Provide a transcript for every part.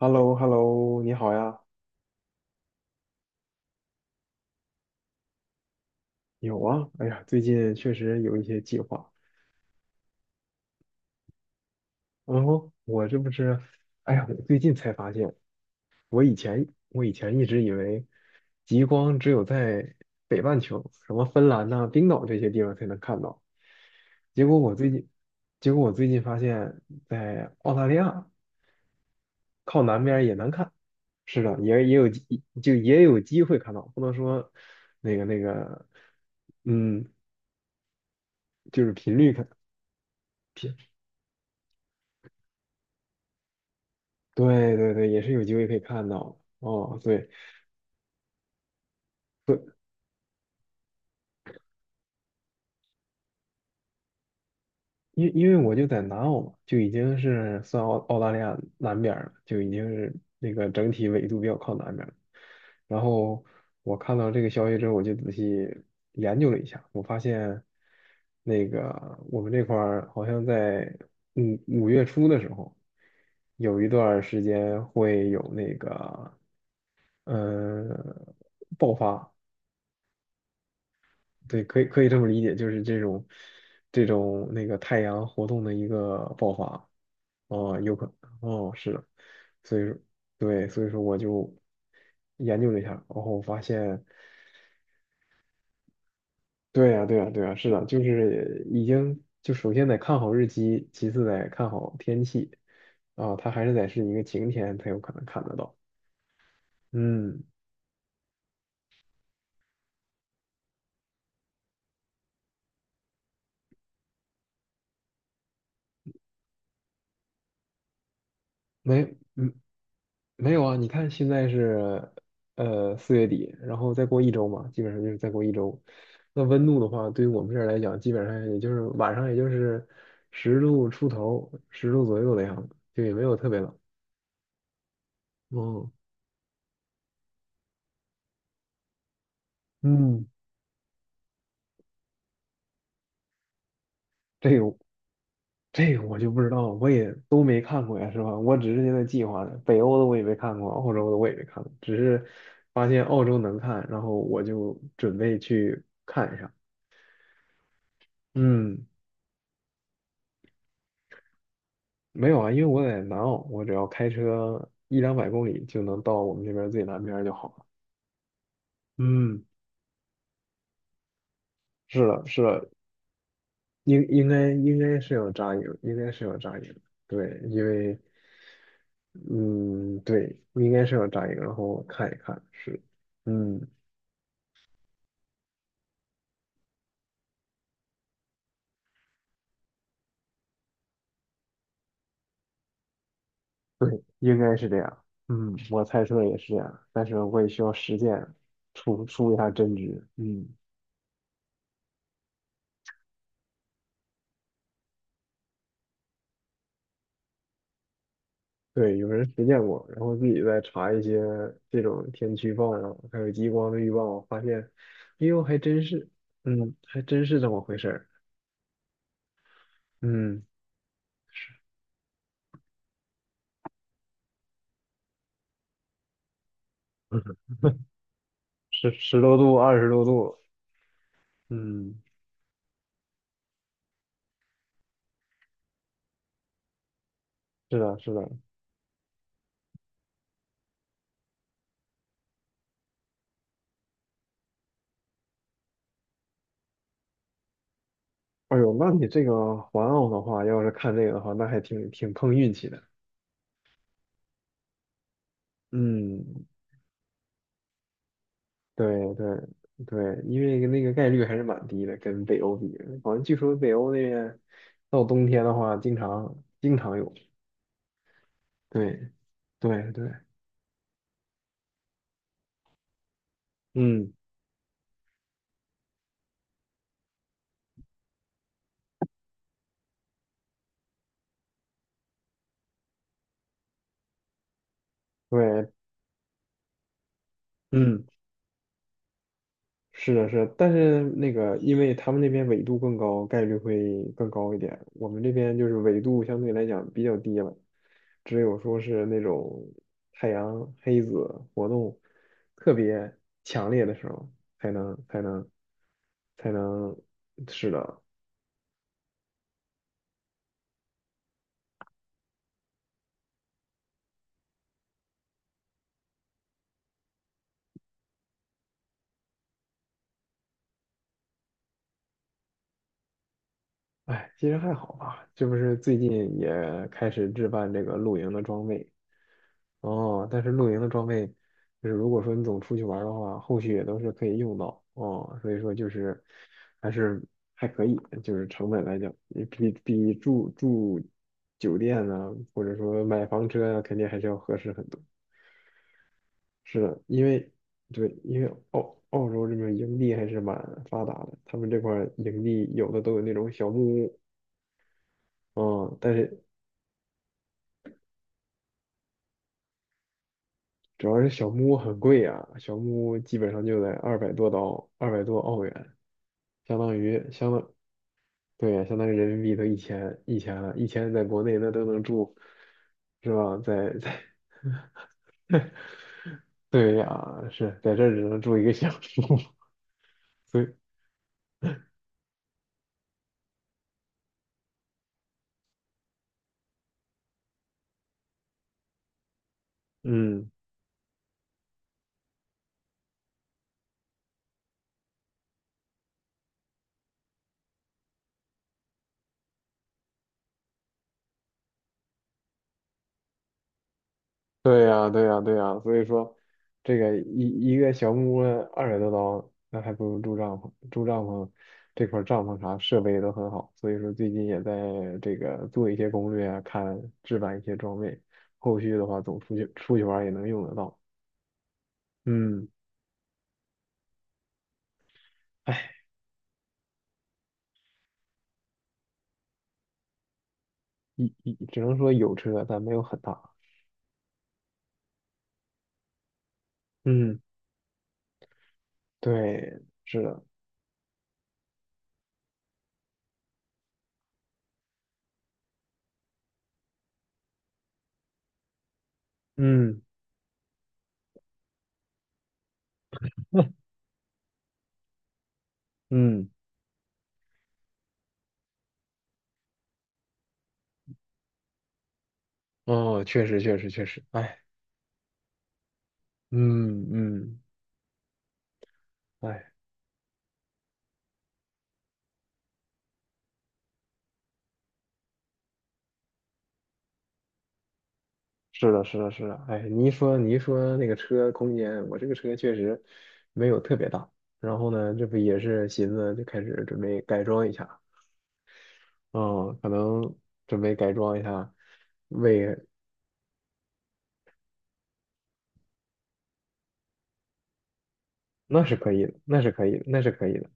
h e l l o h e l l o 你好呀。有啊，哎呀，最近确实有一些计划。然后我这不是，哎呀，我最近才发现，我以前一直以为极光只有在北半球，什么芬兰呐、冰岛这些地方才能看到。结果我最近，结果我最近发现，在澳大利亚靠南边也能看。是的，也有机会看到，不能说那个那个，嗯，就是频率看。对对对，也是有机会可以看到哦。对，因为我就在南澳嘛，就已经是算澳大利亚南边儿了，就已经是那个整体纬度比较靠南边儿了。然后我看到这个消息之后，我就仔细研究了一下，我发现那个我们这块儿好像在五月初的时候，有一段儿时间会有那个呃爆发，对，可以这么理解，就是这种那个太阳活动的一个爆发，哦，哦，是的，所以说对，所以说我就研究了一下，然后发现，对呀，对呀，对呀，是的，就是已经就首先得看好日期，其次得看好天气，啊、它还是得是一个晴天才有可能看得到，嗯，没，嗯没有啊，你看现在是4月底，然后再过一周嘛，基本上就是再过一周。那温度的话，对于我们这儿来讲，基本上也就是晚上也就是10度出头，10度左右的样子，就也没有特别冷。嗯，嗯，这个这个我就不知道，我也都没看过呀，是吧？我只是现在计划着，北欧的我也没看过，澳洲的我也没看过，只是发现澳洲能看，然后我就准备去看一下。嗯。没有啊，因为我在南澳，我只要开车一两百公里就能到我们这边最南边儿就好了。嗯，是的，是的，应该是有扎营，应该是有扎营。对，因为嗯，对，应该是有扎营，然后看一看，是，嗯，对，应该是这样。嗯，我猜测也是这样，但是我也需要实践，出一下真知。嗯。对，有人实践过，然后自己再查一些这种天气预报啊，还有极光的预报，发现，哎呦，还真是，嗯，还真是这么回事儿，嗯，十多度、20多度，嗯，是的，是的，哎呦，那你这个环澳的话，要是看这个的话，那还挺碰运气的，嗯，对对对，因为那个概率还是蛮低的，跟北欧比，好像据说北欧那边到冬天的话，经常有。对，对对，嗯，对，嗯，是的，是的，但是那个，因为他们那边纬度更高，概率会更高一点。我们这边就是纬度相对来讲比较低了，只有说是那种太阳黑子活动特别强烈的时候，才能才能才能，是的。哎，其实还好吧，这不是最近也开始置办这个露营的装备，哦，但是露营的装备，就是如果说你总出去玩儿的话，后续也都是可以用到哦。所以说就是还是还可以，就是成本来讲，也比住酒店呢、或者说买房车啊，肯定还是要合适很多。是的，因为对，因为澳洲这边营地还是蛮发达的，他们这块儿营地有的都有那种小木屋，嗯，但是主要是小木屋很贵啊，小木屋基本上就得二百多刀，200多澳元。相当于相当对呀，相当于人民币都一千了，一千在国内那都能住，是吧？对呀，是在这儿只能住一个小时，所以嗯，对呀，对呀，对呀，所以说这个一个小木屋二百多刀，那还不如住帐篷，住帐篷这块儿帐篷啥设备也都很好，所以说最近也在这个做一些攻略啊，看置办一些装备，后续的话总出去玩儿也能用得到，嗯。哎只能说有车，但没有很大。嗯，对，是的，嗯 嗯，哦，确实确实确实，哎，嗯嗯，哎，是的是的是的，哎，你一说那个车空间，我这个车确实没有特别大，然后呢，这不也是寻思就开始准备改装一下，嗯，可能准备改装一下，为那是可以的，那是可以的，那是可以的。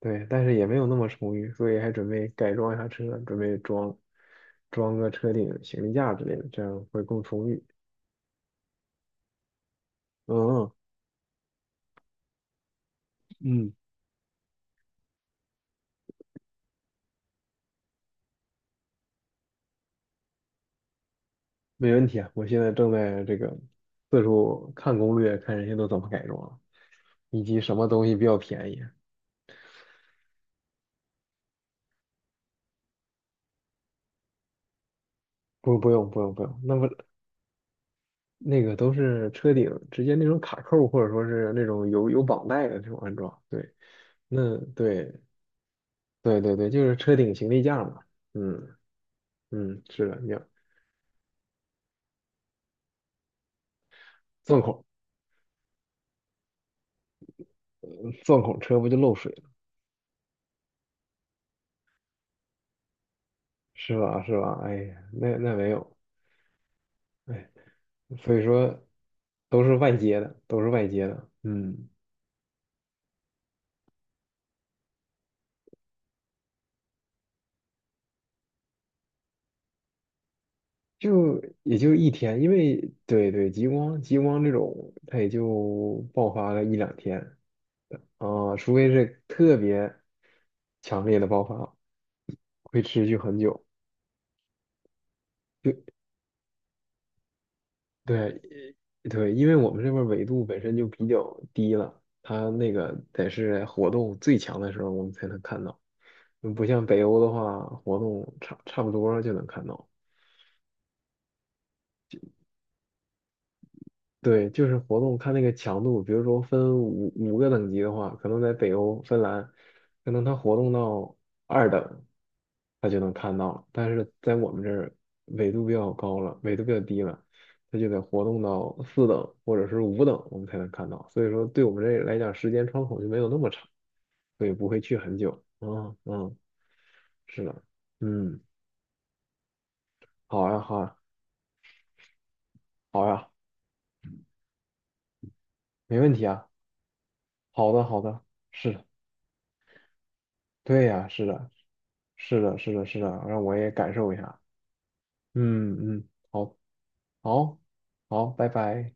对，但是也没有那么充裕，所以还准备改装一下车，准备装个车顶、行李架之类的，这样会更充裕。嗯嗯，没问题啊！我现在正在这个四处看攻略，看人家都怎么改装，以及什么东西比较便宜。不，不用，不用，不用，那不那个都是车顶直接那种卡扣，或者说是那种有绑带的这种安装。对，那对对对对，就是车顶行李架嘛。嗯嗯，是的，你要。钻孔。钻孔车不就漏水了，是吧？是吧？哎呀，那没有，哎，所以说都是外接的，都是外接的，嗯，就也就一天，因为对对，极光这种，它也就爆发了一两天啊，除非是特别强烈的爆发，会持续很久。就对对，因为我们这边儿纬度本身就比较低了，它那个得是活动最强的时候，我们才能看到。嗯不像北欧的话，活动差不多就能看到。对，就是活动看那个强度，比如说分五个等级的话，可能在北欧芬兰，可能它活动到二等，它就能看到了。但是在我们这儿纬度比较高了，纬度比较低了，它就得活动到四等或者是五等，我们才能看到。所以说，对我们这来讲，时间窗口就没有那么长，所以不会去很久。嗯嗯，是的，嗯，好呀好呀好呀，没问题啊。好的，好的，是的，对呀，是的，是的，是的，是的，让我也感受一下。嗯嗯，好，好，好，拜拜。